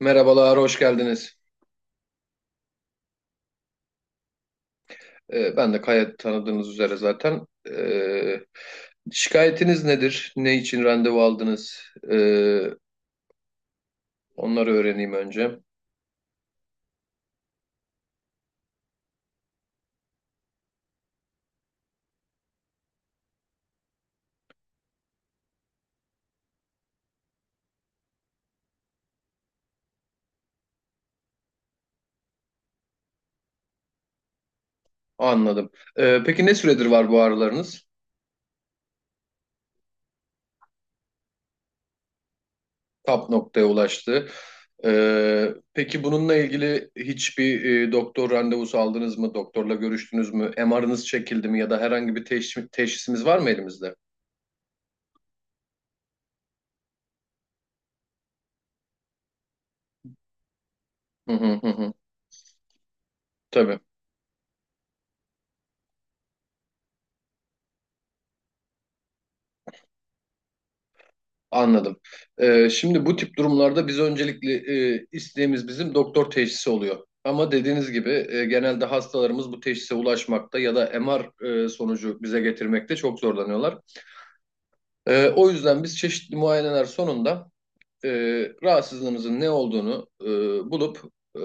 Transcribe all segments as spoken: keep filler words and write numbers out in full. Merhabalar, hoş geldiniz. Ee, ben de Kaya tanıdığınız üzere zaten. Ee, şikayetiniz nedir? Ne için randevu aldınız? Ee, onları öğreneyim önce. Anladım. Ee, peki ne süredir var bu ağrılarınız? Tap noktaya ulaştı. Ee, peki bununla ilgili hiçbir e, doktor randevusu aldınız mı? Doktorla görüştünüz mü? M R'ınız çekildi mi? Ya da herhangi bir teş- teşhisimiz var mı elimizde? Hı hı hı, hı. Tabii. Anladım. Ee, şimdi bu tip durumlarda biz öncelikli e, isteğimiz bizim doktor teşhisi oluyor. Ama dediğiniz gibi e, genelde hastalarımız bu teşhise ulaşmakta ya da M R e, sonucu bize getirmekte çok zorlanıyorlar. E, o yüzden biz çeşitli muayeneler sonunda e, rahatsızlığınızın ne olduğunu e, bulup e,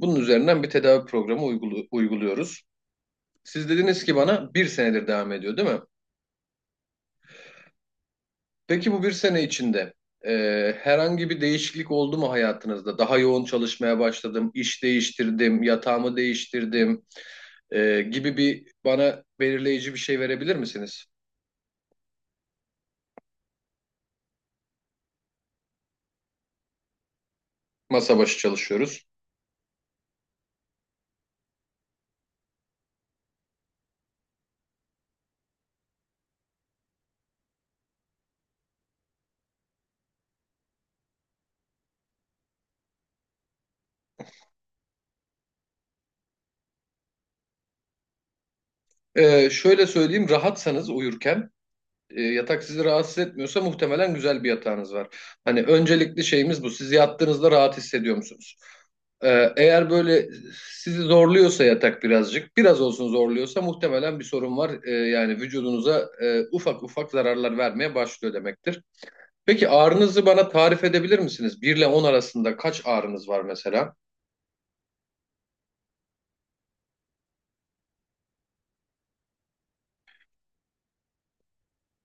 bunun üzerinden bir tedavi programı uygulu- uyguluyoruz. Siz dediniz ki bana bir senedir devam ediyor, değil mi? Peki bu bir sene içinde e, herhangi bir değişiklik oldu mu hayatınızda? Daha yoğun çalışmaya başladım, iş değiştirdim, yatağımı değiştirdim e, gibi bir bana belirleyici bir şey verebilir misiniz? Masa başı çalışıyoruz. E, şöyle söyleyeyim, rahatsanız uyurken e, yatak sizi rahatsız etmiyorsa muhtemelen güzel bir yatağınız var. Hani öncelikli şeyimiz bu. Siz yattığınızda rahat hissediyor musunuz? Ee, eğer böyle sizi zorluyorsa yatak birazcık, biraz olsun zorluyorsa muhtemelen bir sorun var. Ee, yani vücudunuza e, ufak ufak zararlar vermeye başlıyor demektir. Peki ağrınızı bana tarif edebilir misiniz? Bir ile on arasında kaç ağrınız var mesela?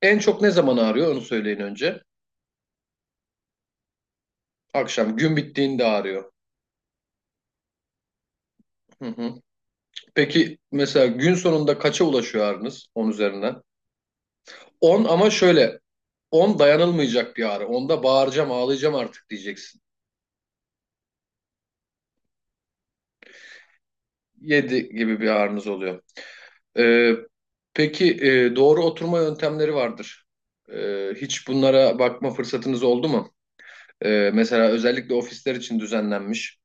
En çok ne zaman ağrıyor onu söyleyin önce. Akşam gün bittiğinde ağrıyor. Hı hı. Peki mesela gün sonunda kaça ulaşıyor ağrınız on üzerinden? On ama şöyle on dayanılmayacak bir ağrı. Onda bağıracağım, ağlayacağım artık diyeceksin. Yedi gibi bir ağrınız oluyor. Ee, peki e, doğru oturma yöntemleri vardır. Ee, hiç bunlara bakma fırsatınız oldu mu? Ee, mesela özellikle ofisler için düzenlenmiş.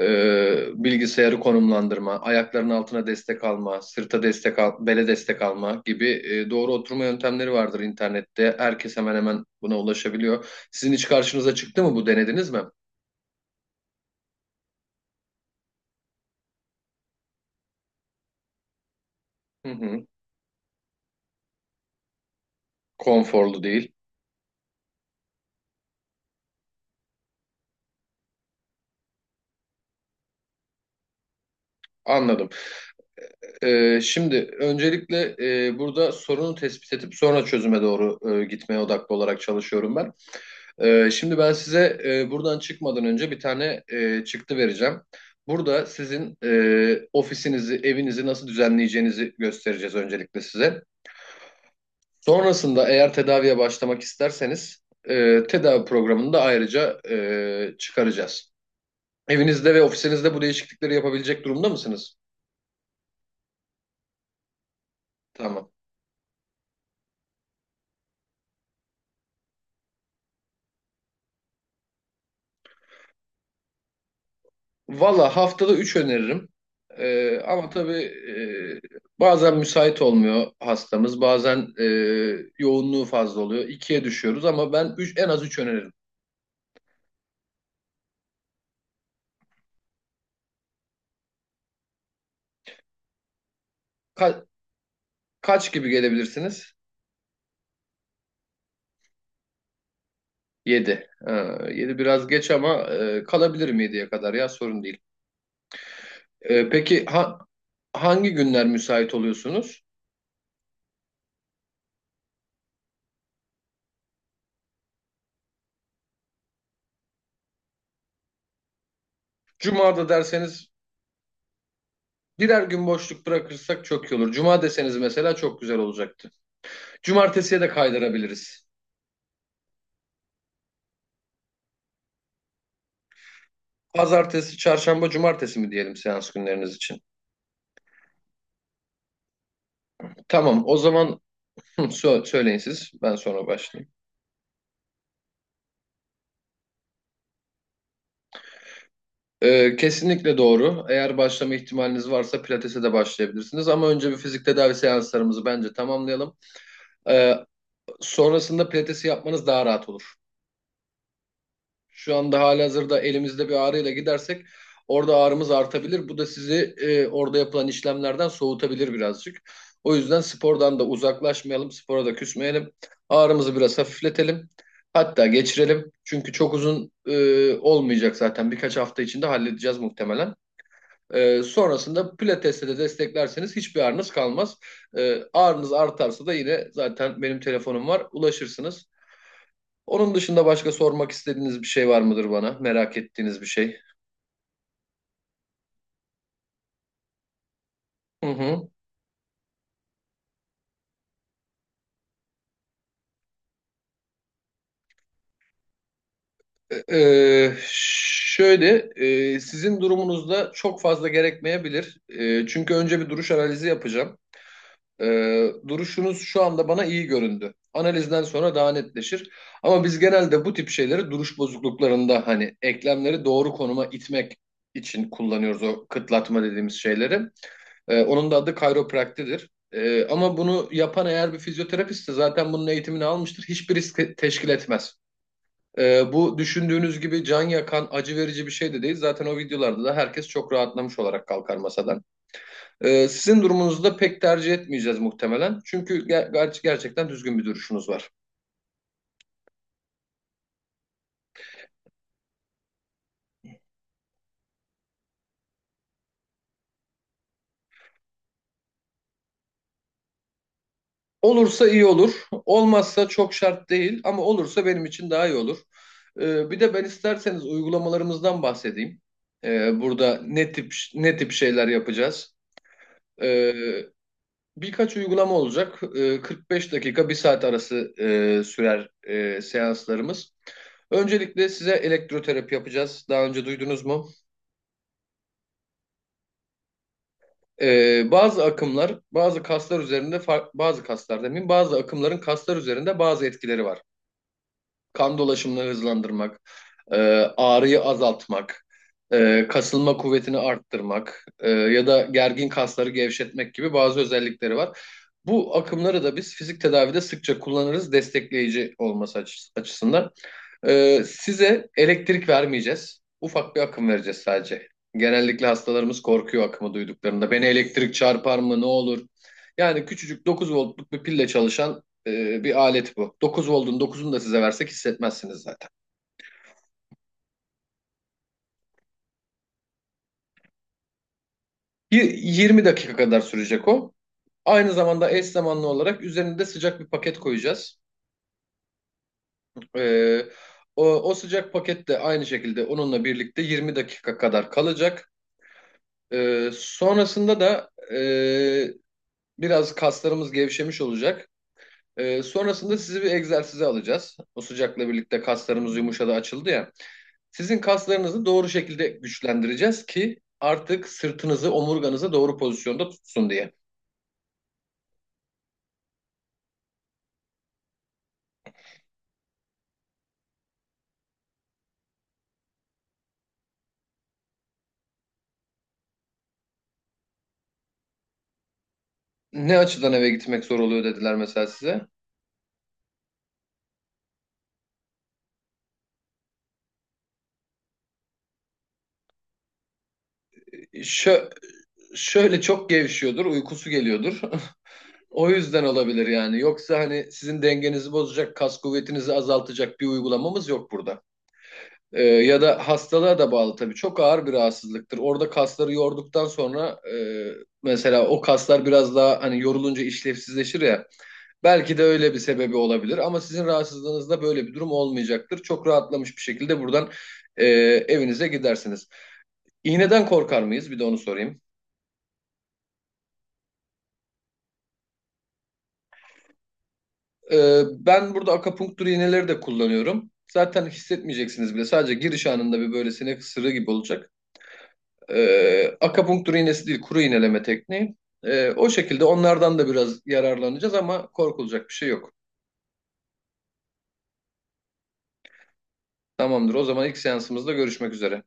ee, Bilgisayarı konumlandırma, ayakların altına destek alma, sırta destek al, bele destek alma gibi e, doğru oturma yöntemleri vardır internette. Herkes hemen hemen buna ulaşabiliyor. Sizin hiç karşınıza çıktı mı bu denediniz mi? Hı hı. Konforlu değil. Anladım. Ee, şimdi öncelikle e, burada sorunu tespit edip sonra çözüme doğru e, gitmeye odaklı olarak çalışıyorum ben. Ee, şimdi ben size e, buradan çıkmadan önce bir tane e, çıktı vereceğim. Burada sizin e, ofisinizi, evinizi nasıl düzenleyeceğinizi göstereceğiz öncelikle size. Sonrasında eğer tedaviye başlamak isterseniz e, tedavi programını da ayrıca e, çıkaracağız. Evinizde ve ofisinizde bu değişiklikleri yapabilecek durumda mısınız? Tamam. Valla haftada üç öneririm. Ee, ama tabii e, bazen müsait olmuyor hastamız. Bazen e, yoğunluğu fazla oluyor. İkiye düşüyoruz ama ben üç, en az üç öneririm. Ka- kaç gibi gelebilirsiniz? yedi. Yedi biraz geç ama e, kalabilirim yediye kadar ya sorun değil. Ee, peki ha- hangi günler müsait oluyorsunuz? Cuma'da derseniz birer gün boşluk bırakırsak çok iyi olur. Cuma deseniz mesela çok güzel olacaktı. Cumartesiye de kaydırabiliriz. Pazartesi, çarşamba, cumartesi mi diyelim seans günleriniz için? Tamam, o zaman sö- söyleyin siz. Ben sonra başlayayım. Ee, kesinlikle doğru. Eğer başlama ihtimaliniz varsa pilatese de başlayabilirsiniz. Ama önce bir fizik tedavi seanslarımızı bence tamamlayalım. Ee, sonrasında pilatesi yapmanız daha rahat olur. Şu anda halihazırda elimizde bir ağrıyla gidersek orada ağrımız artabilir. Bu da sizi e, orada yapılan işlemlerden soğutabilir birazcık. O yüzden spordan da uzaklaşmayalım, spora da küsmeyelim. Ağrımızı biraz hafifletelim. Hatta geçirelim. Çünkü çok uzun e, olmayacak zaten. Birkaç hafta içinde halledeceğiz muhtemelen. E, sonrasında pilatesle de desteklerseniz hiçbir ağrınız kalmaz. E, ağrınız artarsa da yine zaten benim telefonum var. Ulaşırsınız. Onun dışında başka sormak istediğiniz bir şey var mıdır bana? Merak ettiğiniz bir şey? Hı hı. Ee, şöyle, e, sizin durumunuzda çok fazla gerekmeyebilir. E, çünkü önce bir duruş analizi yapacağım. Ee, duruşunuz şu anda bana iyi göründü. Analizden sonra daha netleşir. Ama biz genelde bu tip şeyleri duruş bozukluklarında hani eklemleri doğru konuma itmek için kullanıyoruz o kıtlatma dediğimiz şeyleri. Ee, onun da adı kayropraktidir. Ee, ama bunu yapan eğer bir fizyoterapistse zaten bunun eğitimini almıştır. Hiçbir risk teşkil etmez. Ee, bu düşündüğünüz gibi can yakan, acı verici bir şey de değil. Zaten o videolarda da herkes çok rahatlamış olarak kalkar masadan. Ee, sizin durumunuzda pek tercih etmeyeceğiz muhtemelen. Çünkü ger- gerçekten düzgün bir duruşunuz var. Olursa iyi olur. Olmazsa çok şart değil ama olursa benim için daha iyi olur. Ee, bir de ben isterseniz uygulamalarımızdan bahsedeyim. Ee, burada ne tip ne tip şeyler yapacağız? Ee, birkaç uygulama olacak. Ee, kırk beş dakika bir saat arası e, sürer e, seanslarımız. Öncelikle size elektroterapi yapacağız. Daha önce duydunuz mu? Ee, bazı akımlar, bazı kaslar üzerinde, far- bazı kaslar demeyeyim, bazı akımların kaslar üzerinde bazı etkileri var, kan dolaşımını hızlandırmak, e, ağrıyı azaltmak, e, kasılma kuvvetini arttırmak e, ya da gergin kasları gevşetmek gibi bazı özellikleri var. Bu akımları da biz fizik tedavide sıkça kullanırız destekleyici olması açı- açısından. E, size elektrik vermeyeceğiz. Ufak bir akım vereceğiz sadece. Genellikle hastalarımız korkuyor akımı duyduklarında. Beni elektrik çarpar mı, ne olur? Yani küçücük dokuz voltluk bir pille çalışan e, bir alet bu. Dokuz voltun dokuzunu da size versek hissetmezsiniz zaten. Yirmi dakika kadar sürecek o. Aynı zamanda eş zamanlı olarak üzerinde sıcak bir paket koyacağız. E, o, o sıcak paket de aynı şekilde onunla birlikte yirmi dakika kadar kalacak. E, sonrasında da e, biraz kaslarımız gevşemiş olacak. Ee, sonrasında sizi bir egzersize alacağız. O sıcakla birlikte kaslarımız yumuşadı, açıldı ya. Sizin kaslarınızı doğru şekilde güçlendireceğiz ki artık sırtınızı, omurganızı doğru pozisyonda tutsun diye. Ne açıdan eve gitmek zor oluyor dediler mesela size. Şö şöyle çok gevşiyordur, uykusu geliyordur. O yüzden olabilir yani. Yoksa hani sizin dengenizi bozacak, kas kuvvetinizi azaltacak bir uygulamamız yok burada. Ee, ya da hastalığa da bağlı tabii. Çok ağır bir rahatsızlıktır. Orada kasları yorduktan sonra e, mesela o kaslar biraz daha hani yorulunca işlevsizleşir ya. Belki de öyle bir sebebi olabilir ama sizin rahatsızlığınızda böyle bir durum olmayacaktır. Çok rahatlamış bir şekilde buradan e, evinize gidersiniz. İğneden korkar mıyız? Bir de onu sorayım. Ee, ben burada akupunktur iğneleri de kullanıyorum. Zaten hissetmeyeceksiniz bile. Sadece giriş anında bir böyle sinek ısırığı gibi olacak. E, akapunktur iğnesi değil, kuru iğneleme tekniği. E, o şekilde onlardan da biraz yararlanacağız ama korkulacak bir şey yok. Tamamdır. O zaman ilk seansımızda görüşmek üzere.